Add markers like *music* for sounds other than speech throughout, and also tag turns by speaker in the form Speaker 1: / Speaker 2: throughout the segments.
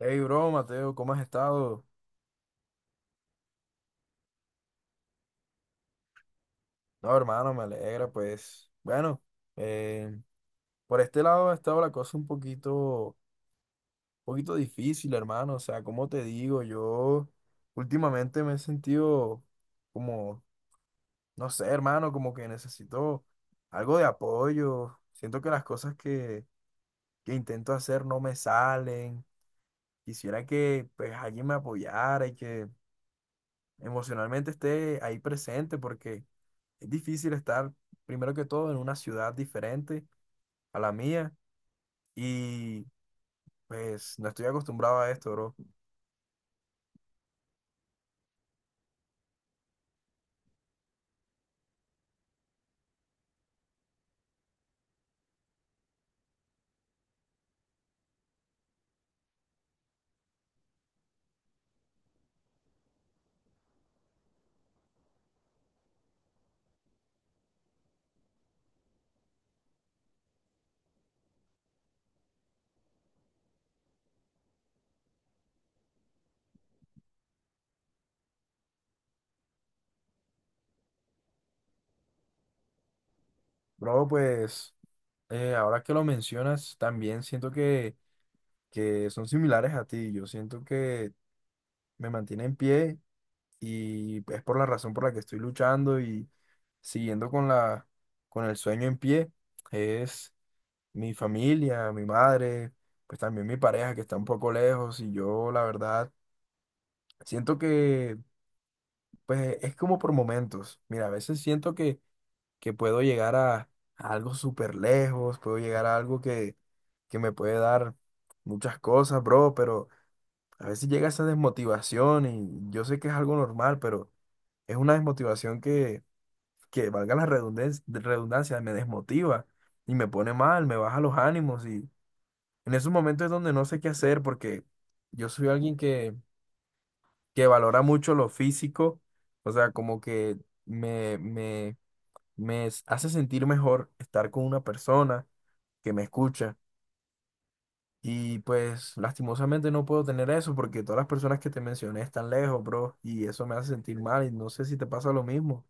Speaker 1: Hey, bro, Mateo, ¿cómo has estado? No, hermano, me alegra, pues. Bueno, eh, por este lado ha estado la cosa un poquito, poquito difícil, hermano. O sea, como te digo, yo últimamente me he sentido como, no sé, hermano, como que necesito algo de apoyo. Siento que que intento hacer no me salen. Quisiera que, pues, alguien me apoyara y que emocionalmente esté ahí presente porque es difícil estar, primero que todo, en una ciudad diferente a la mía y pues no estoy acostumbrado a esto, bro. Bro, pues ahora que lo mencionas, también siento que son similares a ti. Yo siento que me mantiene en pie y es por la razón por la que estoy luchando y siguiendo con el sueño en pie. Es mi familia, mi madre, pues también mi pareja que está un poco lejos y yo la verdad siento que pues es como por momentos. Mira, a veces siento que puedo llegar a algo súper lejos, puedo llegar a algo que me puede dar muchas cosas, bro, pero a veces llega esa desmotivación y yo sé que es algo normal, pero es una desmotivación que, valga la redundancia, redundancia, me desmotiva y me pone mal, me baja los ánimos. En esos momentos es donde no sé qué hacer porque yo soy alguien que valora mucho lo físico. O sea, como que me, me, hace sentir mejor estar con una persona que me escucha. Y pues lastimosamente no puedo tener eso porque todas las personas que te mencioné están lejos, bro, y eso me hace sentir mal y no sé si te pasa lo mismo.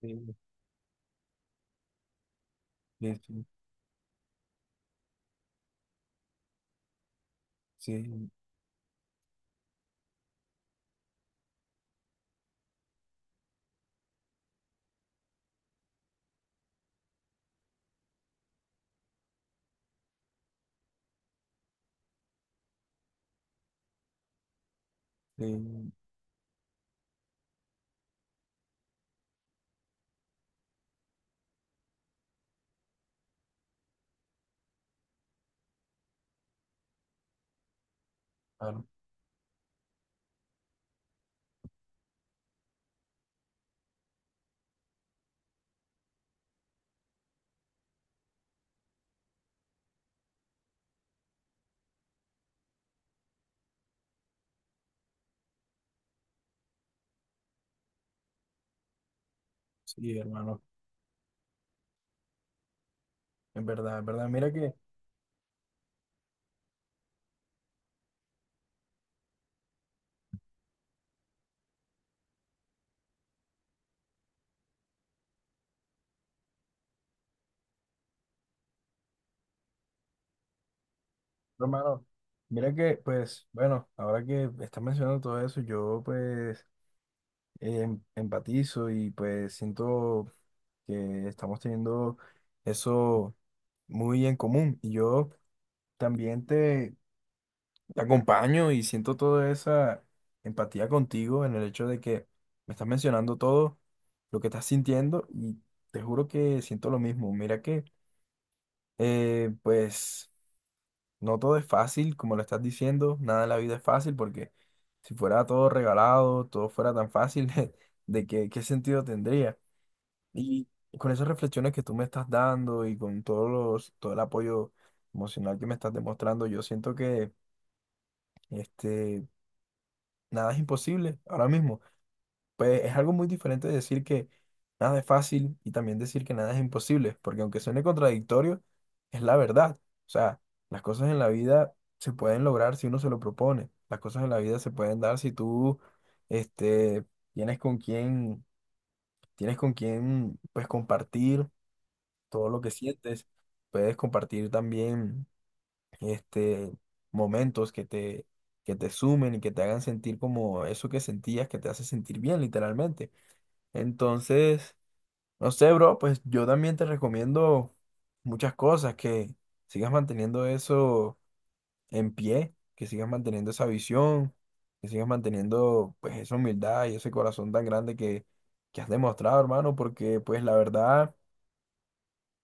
Speaker 1: Sí, sí, sí, sí, sí, claro, sí, hermano. En verdad, mira que... Hermano, mira que, pues, bueno, ahora que estás mencionando todo eso, yo pues empatizo y pues siento que estamos teniendo eso muy en común. Y yo también te, te acompaño y siento toda esa empatía contigo en el hecho de que me estás mencionando todo lo que estás sintiendo y te juro que siento lo mismo. Mira que, pues... No todo es fácil, como lo estás diciendo, nada en la vida es fácil porque si fuera todo regalado, todo fuera tan fácil, *laughs* ¿de qué, qué sentido tendría? Y con esas reflexiones que tú me estás dando y con todo el apoyo emocional que me estás demostrando, yo siento que, este, nada es imposible ahora mismo, pues es algo muy diferente de decir que nada es fácil y también decir que nada es imposible, porque aunque suene contradictorio, es la verdad. O sea, las cosas en la vida se pueden lograr si uno se lo propone. Las cosas en la vida se pueden dar si tú, este, tienes con quién, tienes con quién, pues, compartir todo lo que sientes. Puedes compartir también, este, momentos que te sumen y que te hagan sentir como eso que sentías, que te hace sentir bien, literalmente. Entonces, no sé, bro, pues yo también te recomiendo muchas cosas, que sigas manteniendo eso en pie, que sigas manteniendo esa visión, que sigas manteniendo pues esa humildad y ese corazón tan grande que has demostrado, hermano, porque pues la verdad,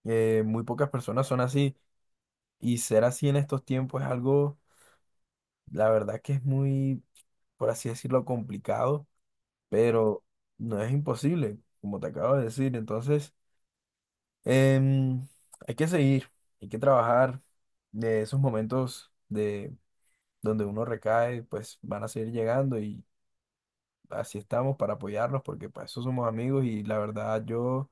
Speaker 1: muy pocas personas son así y ser así en estos tiempos es algo, la verdad que es muy, por así decirlo, complicado, pero no es imposible, como te acabo de decir, entonces... Em, Hay que seguir, hay que trabajar. De esos momentos de donde uno recae, pues van a seguir llegando y así estamos para apoyarnos porque para eso somos amigos y la verdad yo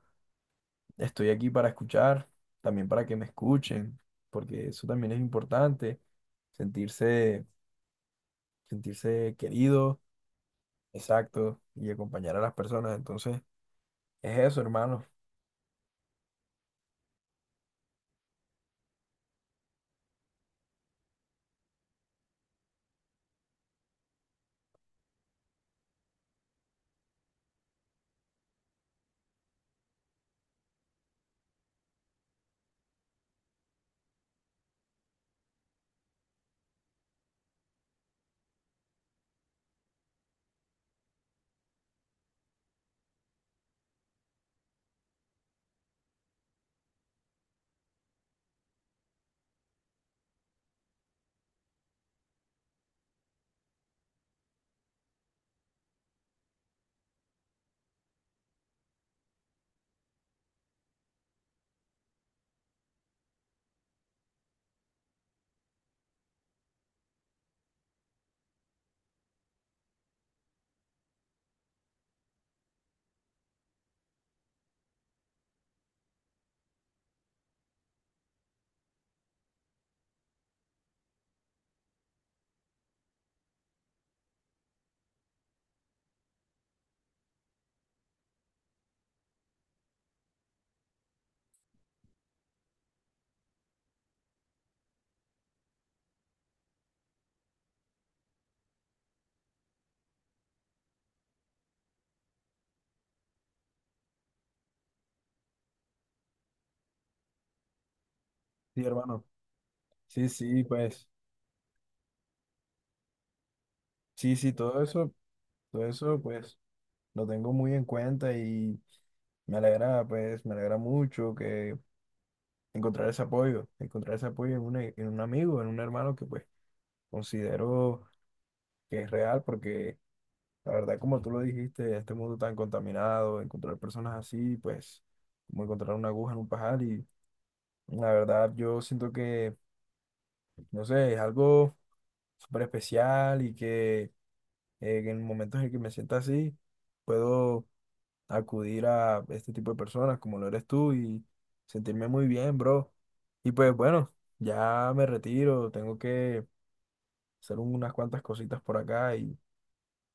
Speaker 1: estoy aquí para escuchar, también para que me escuchen, porque eso también es importante, sentirse, sentirse querido, exacto, y acompañar a las personas. Entonces, es eso, hermano. Sí, hermano. Sí, sí, pues, sí, sí, todo eso, pues, lo tengo muy en cuenta y me alegra, pues, me alegra mucho que encontrar ese apoyo en un amigo, en un hermano que, pues, considero que es real porque, la verdad, como tú lo dijiste, este mundo tan contaminado, encontrar personas así, pues, como encontrar una aguja en un pajar y, la verdad, yo siento que, no sé, es algo súper especial y que, en momentos en que me sienta así, puedo acudir a este tipo de personas como lo eres tú y sentirme muy bien, bro. Y pues bueno, ya me retiro, tengo que hacer unas cuantas cositas por acá y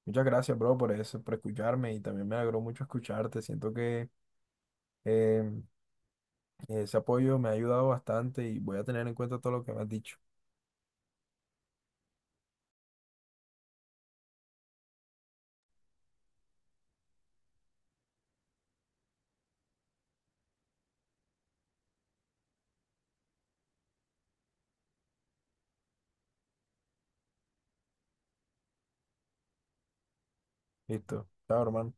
Speaker 1: muchas gracias, bro, por eso, por escucharme y también me alegró mucho escucharte. Siento que, eh, ese apoyo me ha ayudado bastante y voy a tener en cuenta todo lo que me has dicho. Listo, chao, hermano.